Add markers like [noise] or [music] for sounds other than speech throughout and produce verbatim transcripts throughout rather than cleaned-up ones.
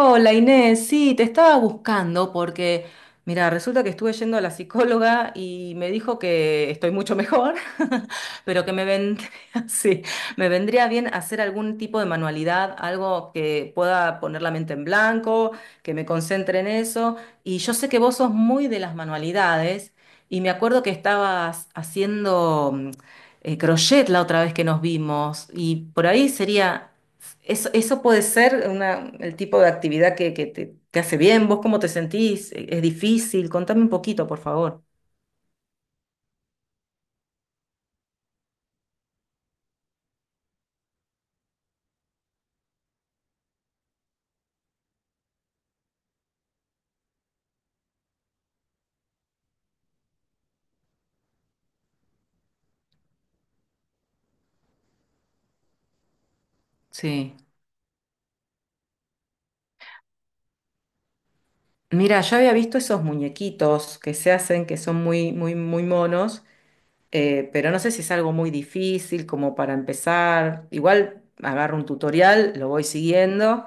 Hola Inés, sí, te estaba buscando porque, mira, resulta que estuve yendo a la psicóloga y me dijo que estoy mucho mejor, [laughs] pero que me vendría, [laughs] sí, me vendría bien hacer algún tipo de manualidad, algo que pueda poner la mente en blanco, que me concentre en eso. Y yo sé que vos sos muy de las manualidades y me acuerdo que estabas haciendo mm, eh, crochet la otra vez que nos vimos y por ahí sería... Eso, eso puede ser una, el tipo de actividad que, que te, te hace bien. ¿Vos cómo te sentís? ¿E, ¿Es difícil? Contame un poquito, por favor. Sí. Mira, yo había visto esos muñequitos que se hacen, que son muy, muy, muy monos, eh, pero no sé si es algo muy difícil como para empezar. Igual agarro un tutorial, lo voy siguiendo.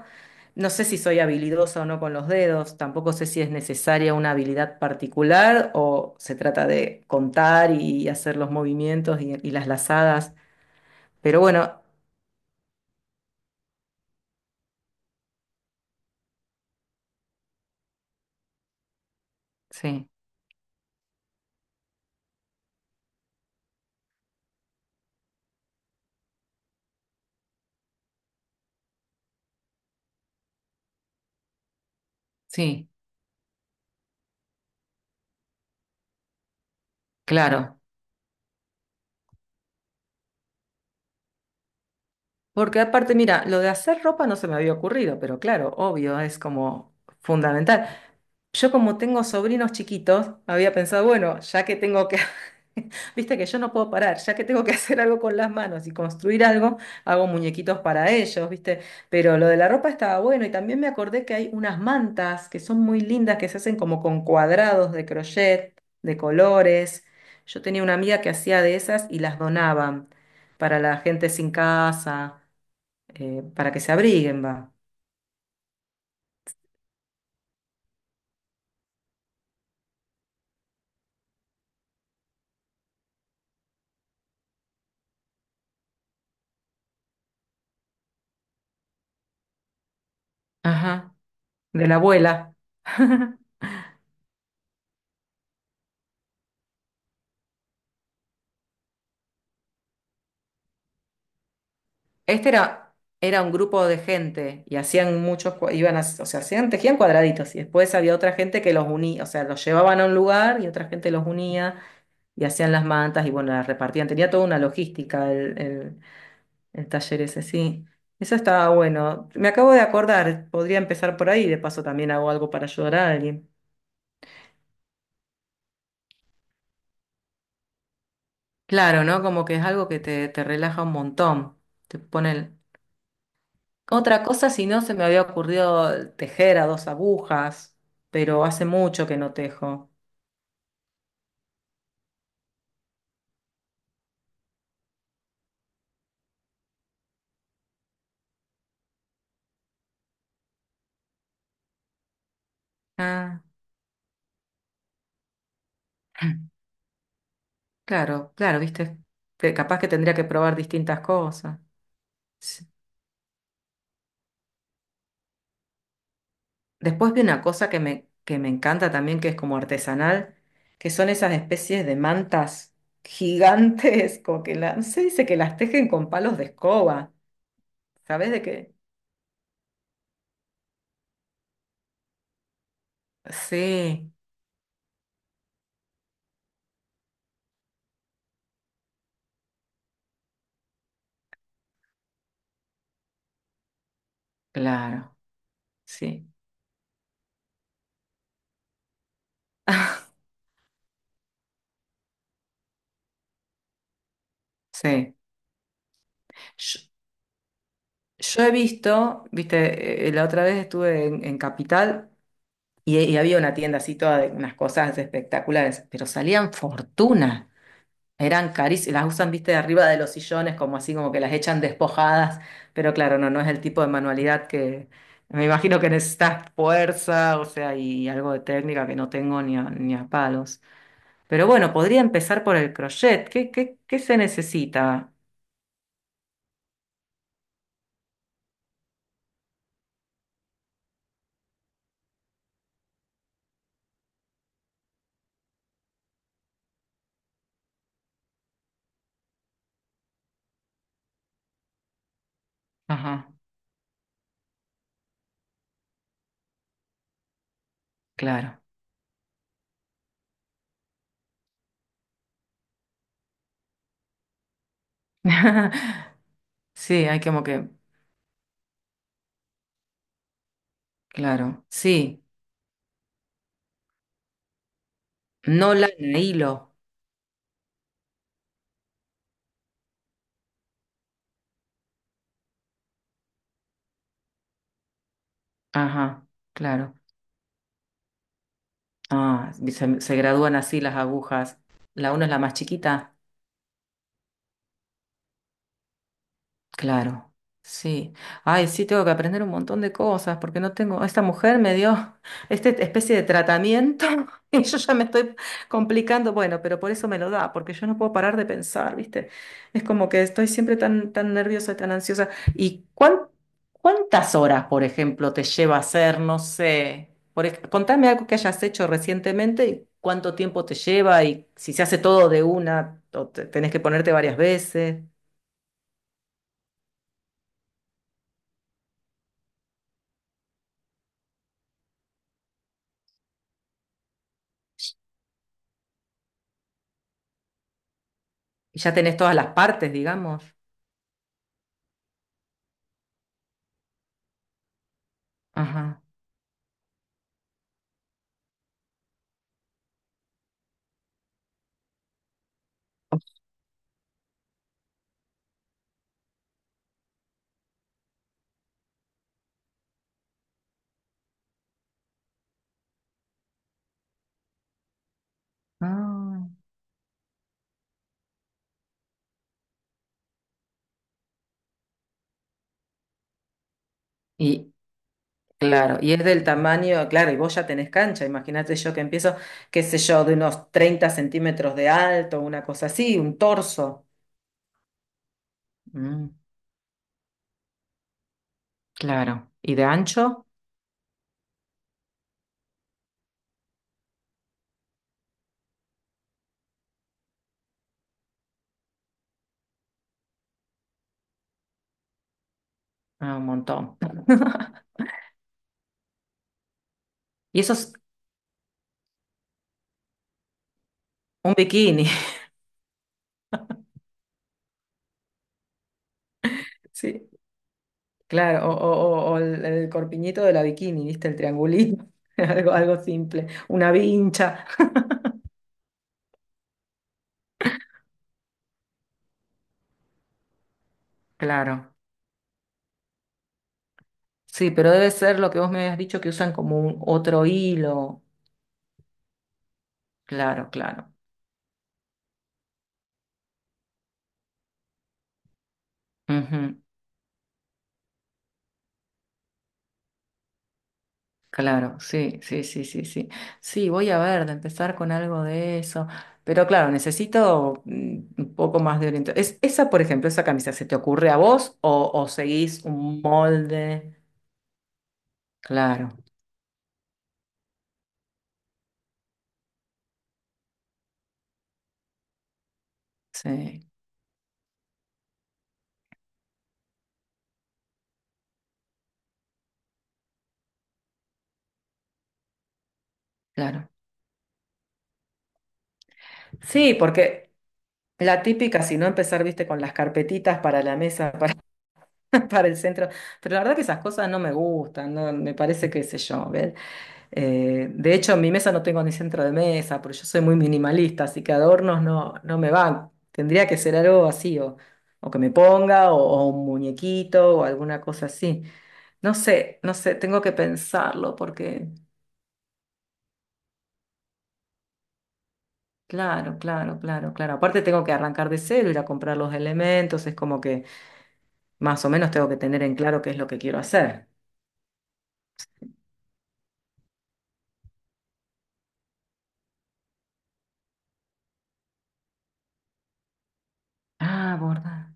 No sé si soy habilidosa o no con los dedos, tampoco sé si es necesaria una habilidad particular o se trata de contar y hacer los movimientos y, y las lazadas. Pero bueno, sí, sí, claro. Porque aparte, mira, lo de hacer ropa no se me había ocurrido, pero claro, obvio, es como fundamental. Yo como tengo sobrinos chiquitos, había pensado, bueno, ya que tengo que, [laughs] viste que yo no puedo parar, ya que tengo que [laughs] hacer algo con las manos y construir algo, hago muñequitos para ellos, viste. Pero lo de la ropa estaba bueno y también me acordé que hay unas mantas que son muy lindas, que se hacen como con cuadrados de crochet, de colores. Yo tenía una amiga que hacía de esas y las donaban para la gente sin casa, eh, para que se abriguen, va. Ajá, de la abuela. [laughs] Este era, era un grupo de gente y hacían muchos, cua- iban a, o sea, hacían, tejían cuadraditos y después había otra gente que los unía, o sea, los llevaban a un lugar y otra gente los unía y hacían las mantas y bueno, las repartían. Tenía toda una logística el, el, el taller ese, sí. Eso estaba bueno. Me acabo de acordar, podría empezar por ahí, y de paso también hago algo para ayudar a alguien. Claro, ¿no? Como que es algo que te, te relaja un montón, te pone. Otra cosa, si no, se me había ocurrido tejer a dos agujas, pero hace mucho que no tejo. Ah, [clears throat] claro, claro, viste, que capaz que tendría que probar distintas cosas. Sí. Después vi una cosa que me, que me encanta también, que es como artesanal, que son esas especies de mantas gigantes, como que la- se dice que las tejen con palos de escoba. ¿Sabés de qué? Sí, claro, sí. [laughs] Sí. Yo he visto, viste, eh, la otra vez estuve en, en Capital y, y había una tienda así toda de unas cosas espectaculares, pero salían fortuna, eran carísimas, las usan, viste, de arriba de los sillones, como así como que las echan despojadas, pero claro, no, no es el tipo de manualidad que me imagino que necesitas fuerza, o sea, y algo de técnica que no tengo ni a, ni a palos. Pero bueno, podría empezar por el crochet. ¿Qué, qué, qué se necesita? Ajá, claro. [laughs] Sí, hay como que... Claro, sí. No lana, hilo. Ajá, claro. Ah, se, se gradúan así las agujas. La una es la más chiquita. Claro, sí. Ay, sí, tengo que aprender un montón de cosas porque no tengo. Esta mujer me dio [laughs] esta especie de tratamiento [laughs] y yo ya me estoy complicando. Bueno, pero por eso me lo da, porque yo no puedo parar de pensar, ¿viste? Es como que estoy siempre tan, tan nerviosa y tan ansiosa. ¿Y cuán- cuántas horas, por ejemplo, te lleva hacer? No sé. Por, ej- contame algo que hayas hecho recientemente y cuánto tiempo te lleva y si se hace todo de una o te- tenés que ponerte varias veces. Y ya tenés todas las partes, digamos. Ajá. Ah, y claro, y es del tamaño, claro, y vos ya tenés cancha, imagínate yo que empiezo, qué sé yo, de unos treinta centímetros de alto, una cosa así, un torso. Mm, claro, y de ancho. Ah, un montón. [laughs] Y eso es un bikini, [laughs] sí, claro, o, o- o- o el, el corpiñito de la bikini, ¿viste? El triangulito, [laughs] algo, algo simple, una vincha. [laughs] Claro. Sí, pero debe ser lo que vos me habías dicho que usan como un otro hilo. Claro, claro. Ujú. Claro, sí, sí, sí, sí, sí. Sí, voy a ver, de empezar con algo de eso. Pero claro, necesito mm, un poco más de orientación. Es, esa, por ejemplo, esa camisa, ¿se te ocurre a vos o, o seguís un molde? Claro, sí, claro. Sí, porque la típica, si no empezar, viste, con las carpetitas para la mesa, [laughs] para [laughs] para el centro, pero la verdad que esas cosas no me gustan, no, me parece que sé yo, ¿ves? Eh, de hecho, en mi mesa no tengo ni centro de mesa, porque yo soy muy minimalista, así que adornos no, no me van. Tendría que ser algo así, o, o que me ponga, o, o un muñequito, o alguna cosa así. No sé, no sé, tengo que pensarlo, porque claro, claro, claro, claro. Aparte tengo que arrancar de cero, ir a comprar los elementos, es como que más o menos tengo que tener en claro qué es lo que quiero hacer. Ah, borda.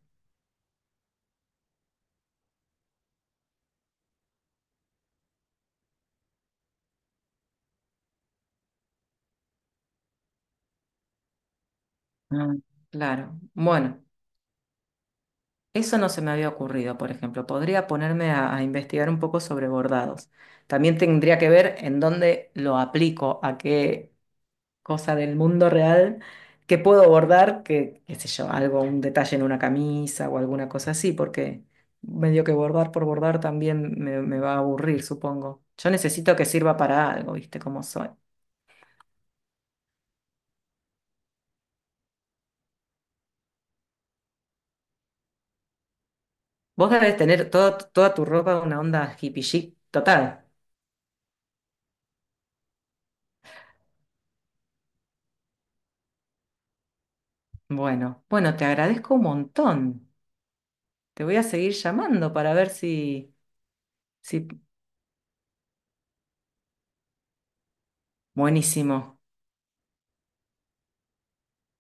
Ah, claro. Bueno, eso no se me había ocurrido, por ejemplo. Podría ponerme a, a investigar un poco sobre bordados. También tendría que ver en dónde lo aplico, a qué cosa del mundo real que puedo bordar, que, qué sé yo, algo, un detalle en una camisa o alguna cosa así, porque medio que bordar por bordar también me, me va a aburrir, supongo. Yo necesito que sirva para algo, ¿viste cómo soy? Vos debes tener todo- toda tu ropa una onda hippie chic total. Bueno, bueno, te agradezco un montón. Te voy a seguir llamando para ver si, si... Buenísimo.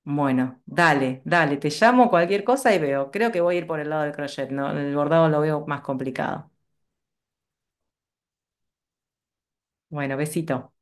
Bueno, dale, dale, te llamo cualquier cosa y veo. Creo que voy a ir por el lado del crochet, ¿no? El bordado lo veo más complicado. Bueno, besito.